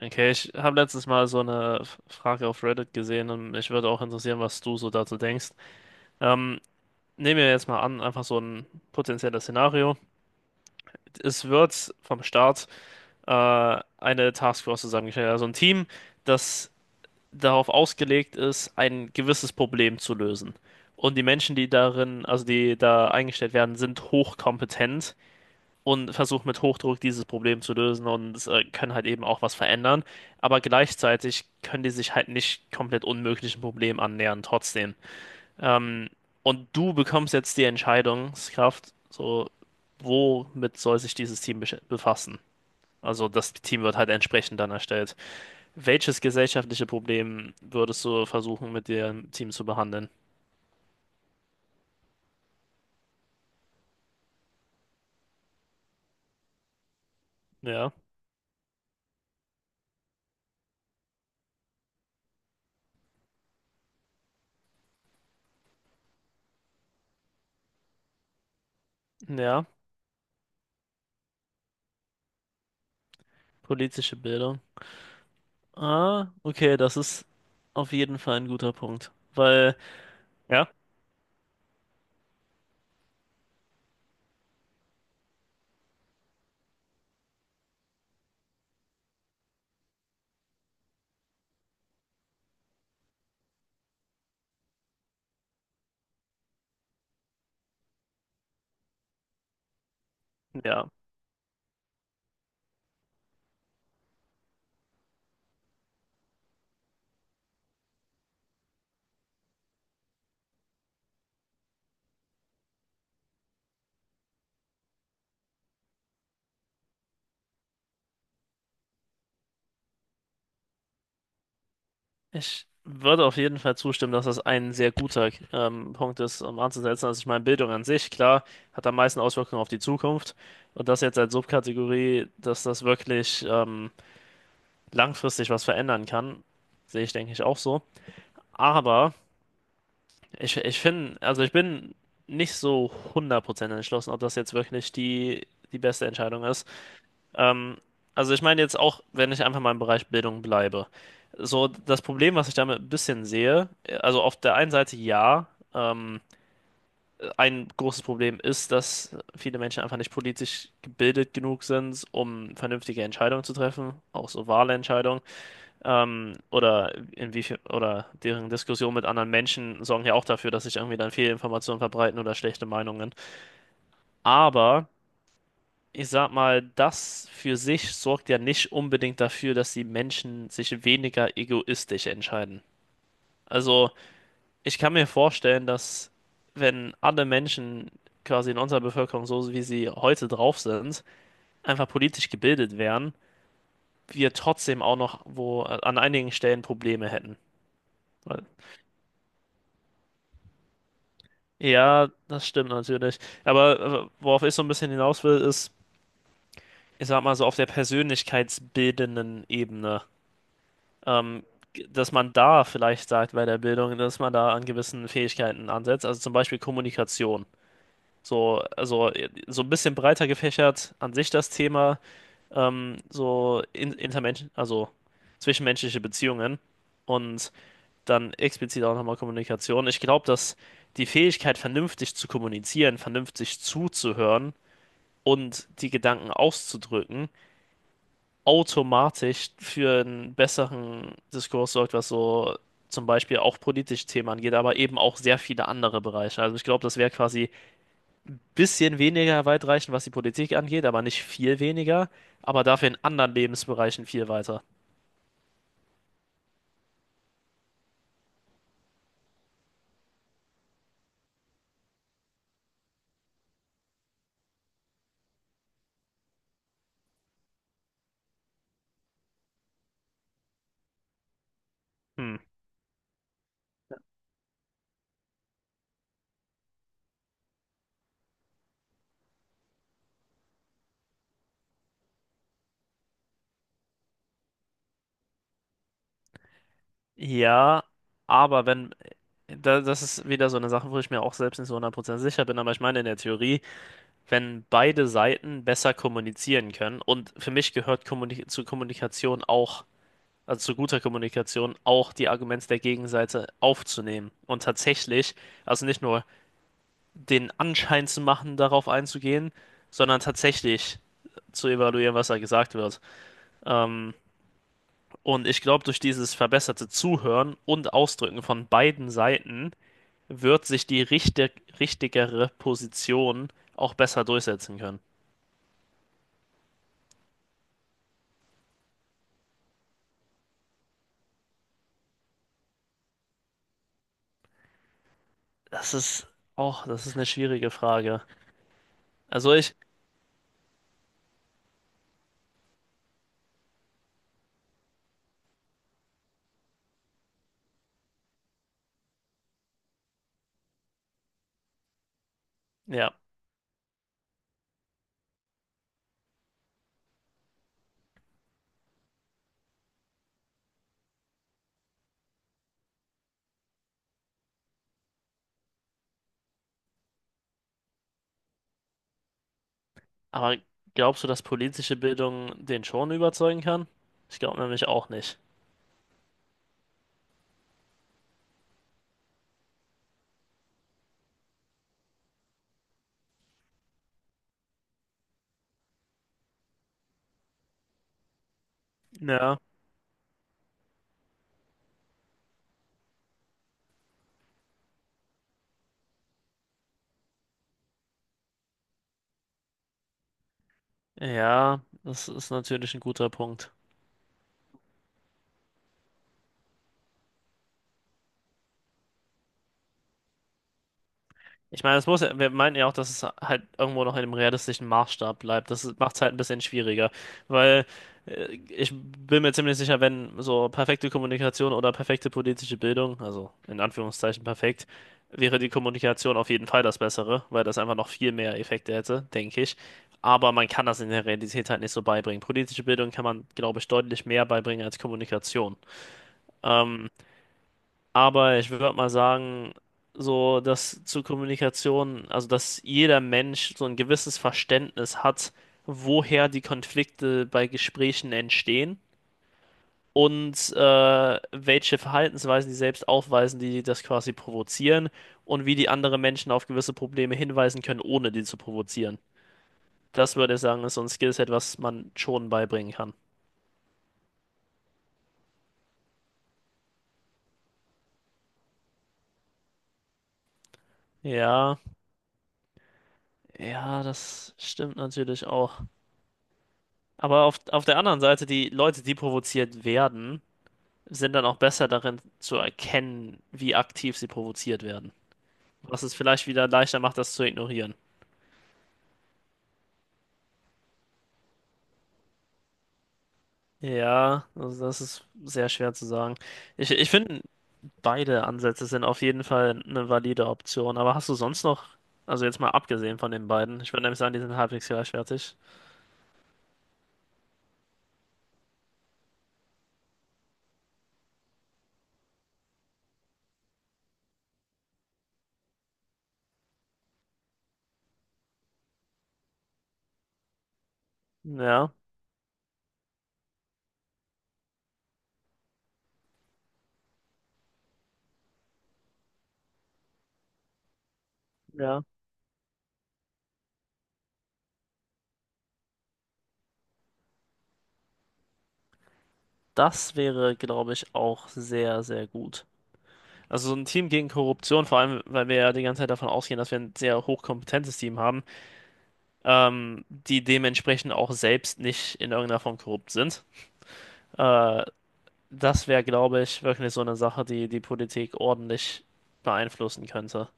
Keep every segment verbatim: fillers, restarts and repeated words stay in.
Okay, ich habe letztens mal so eine F- Frage auf Reddit gesehen und mich würde auch interessieren, was du so dazu denkst. Ähm, nehmen wir jetzt mal an, einfach so ein potenzielles Szenario. Es wird vom Staat äh, eine Taskforce zusammengestellt, also ein Team, das darauf ausgelegt ist, ein gewisses Problem zu lösen. Und die Menschen, die darin, also die da eingestellt werden, sind hochkompetent und versucht mit Hochdruck dieses Problem zu lösen und äh, können halt eben auch was verändern. Aber gleichzeitig können die sich halt nicht komplett unmöglichen Problemen annähern, trotzdem. Ähm, und du bekommst jetzt die Entscheidungskraft, so, womit soll sich dieses Team besch- befassen? Also das Team wird halt entsprechend dann erstellt. Welches gesellschaftliche Problem würdest du versuchen, mit dem Team zu behandeln? Ja, ja, politische Bildung. Ah, okay, das ist auf jeden Fall ein guter Punkt. Weil, ja? Ja, ich würde auf jeden Fall zustimmen, dass das ein sehr guter ähm, Punkt ist, um anzusetzen. Also ich meine, Bildung an sich, klar, hat am meisten Auswirkungen auf die Zukunft. Und das jetzt als Subkategorie, dass das wirklich ähm, langfristig was verändern kann, sehe ich, denke ich, auch so. Aber ich, ich finde, also ich bin nicht so hundert Prozent entschlossen, ob das jetzt wirklich die, die beste Entscheidung ist. Ähm, also ich meine jetzt auch, wenn ich einfach mal im Bereich Bildung bleibe. So, das Problem, was ich damit ein bisschen sehe, also auf der einen Seite ja, ähm, ein großes Problem ist, dass viele Menschen einfach nicht politisch gebildet genug sind, um vernünftige Entscheidungen zu treffen, auch so wahre Entscheidungen. Ähm, oder inwiefern, oder deren Diskussion mit anderen Menschen sorgen ja auch dafür, dass sich irgendwie dann Fehlinformationen verbreiten oder schlechte Meinungen. Aber ich sag mal, das für sich sorgt ja nicht unbedingt dafür, dass die Menschen sich weniger egoistisch entscheiden. Also, ich kann mir vorstellen, dass wenn alle Menschen quasi in unserer Bevölkerung so, wie sie heute drauf sind, einfach politisch gebildet wären, wir trotzdem auch noch wo äh, an einigen Stellen Probleme hätten. Weil- ja, das stimmt natürlich. Aber äh, worauf ich so ein bisschen hinaus will, ist, ich sag mal so auf der persönlichkeitsbildenden Ebene. ähm, dass man da vielleicht sagt bei der Bildung, dass man da an gewissen Fähigkeiten ansetzt, also zum Beispiel Kommunikation. So, also äh, so ein bisschen breiter gefächert an sich das Thema, ähm, so in, intermensch, also zwischenmenschliche Beziehungen und dann explizit auch nochmal Kommunikation. Ich glaube, dass die Fähigkeit, vernünftig zu kommunizieren, vernünftig zuzuhören und die Gedanken auszudrücken, automatisch für einen besseren Diskurs sorgt, was so zum Beispiel auch politisch Themen angeht, aber eben auch sehr viele andere Bereiche. Also ich glaube, das Werk quasi ein bisschen weniger weitreichend, was die Politik angeht, aber nicht viel weniger, aber dafür in anderen Lebensbereichen viel weiter. Hm. Ja, aber wenn da, das ist wieder so eine Sache, wo ich mir auch selbst nicht so hundertprozentig sicher bin. Aber ich meine in der Theorie, wenn beide Seiten besser kommunizieren können und für mich gehört Kommunik zu Kommunikation auch, also zu guter Kommunikation, auch die Argumente der Gegenseite aufzunehmen und tatsächlich, also nicht nur den Anschein zu machen, darauf einzugehen, sondern tatsächlich zu evaluieren, was da gesagt wird. Ähm, und ich glaube, durch dieses verbesserte Zuhören und Ausdrücken von beiden Seiten wird sich die richte- richtigere Position auch besser durchsetzen können. Das ist auch, das ist eine schwierige Frage. Also ich, ja. Aber glaubst du, dass politische Bildung den schon überzeugen kann? Ich glaube nämlich auch nicht. Ja, ja, das ist natürlich ein guter Punkt. Ich meine, das muss ja, wir meinten ja auch, dass es halt irgendwo noch in einem realistischen Maßstab bleibt. Das macht es halt ein bisschen schwieriger, weil äh, ich bin mir ziemlich sicher, wenn so perfekte Kommunikation oder perfekte politische Bildung, also in Anführungszeichen perfekt, wäre die Kommunikation auf jeden Fall das Bessere, weil das einfach noch viel mehr Effekte hätte, denke ich. Aber man kann das in der Realität halt nicht so beibringen. Politische Bildung kann man, glaube ich, deutlich mehr beibringen als Kommunikation. Ähm, aber ich würde mal sagen, so dass zur Kommunikation, also dass jeder Mensch so ein gewisses Verständnis hat, woher die Konflikte bei Gesprächen entstehen und äh, welche Verhaltensweisen die selbst aufweisen, die das quasi provozieren und wie die anderen Menschen auf gewisse Probleme hinweisen können, ohne die zu provozieren. Das würde ich sagen, ist so ein Skillset, was man schon beibringen kann. Ja, ja, das stimmt natürlich auch. Aber auf, auf der anderen Seite, die Leute, die provoziert werden, sind dann auch besser darin zu erkennen, wie aktiv sie provoziert werden. Was es vielleicht wieder leichter macht, das zu ignorieren. Ja, also das ist sehr schwer zu sagen. Ich, ich finde, beide Ansätze sind auf jeden Fall eine valide Option. Aber hast du sonst noch, also jetzt mal abgesehen von den beiden, ich würde nämlich sagen, die sind halbwegs gleichwertig. Ja, ja. Das wäre, glaube ich, auch sehr, sehr gut. Also so ein Team gegen Korruption, vor allem, weil wir ja die ganze Zeit davon ausgehen, dass wir ein sehr hochkompetentes Team haben, ähm, die dementsprechend auch selbst nicht in irgendeiner Form korrupt sind. Äh, das wäre, glaube ich, wirklich so eine Sache, die die Politik ordentlich beeinflussen könnte.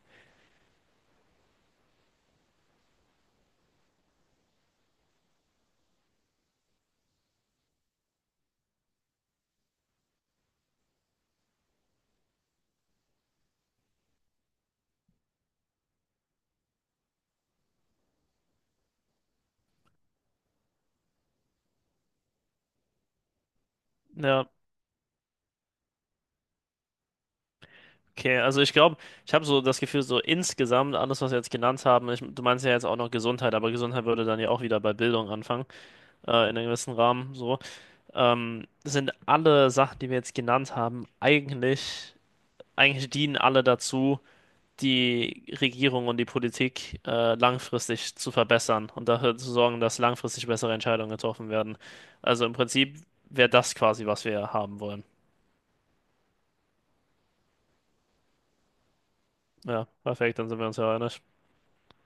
Ja, okay. Also ich glaube, ich habe so das Gefühl, so insgesamt alles, was wir jetzt genannt haben, ich, du meinst ja jetzt auch noch Gesundheit, aber Gesundheit würde dann ja auch wieder bei Bildung anfangen, äh, in einem gewissen Rahmen so. Ähm, sind alle Sachen, die wir jetzt genannt haben, eigentlich, eigentlich dienen alle dazu, die Regierung und die Politik äh, langfristig zu verbessern und dafür zu sorgen, dass langfristig bessere Entscheidungen getroffen werden. Also im Prinzip wäre das quasi, was wir haben wollen. Ja, perfekt, dann sind wir uns ja einig.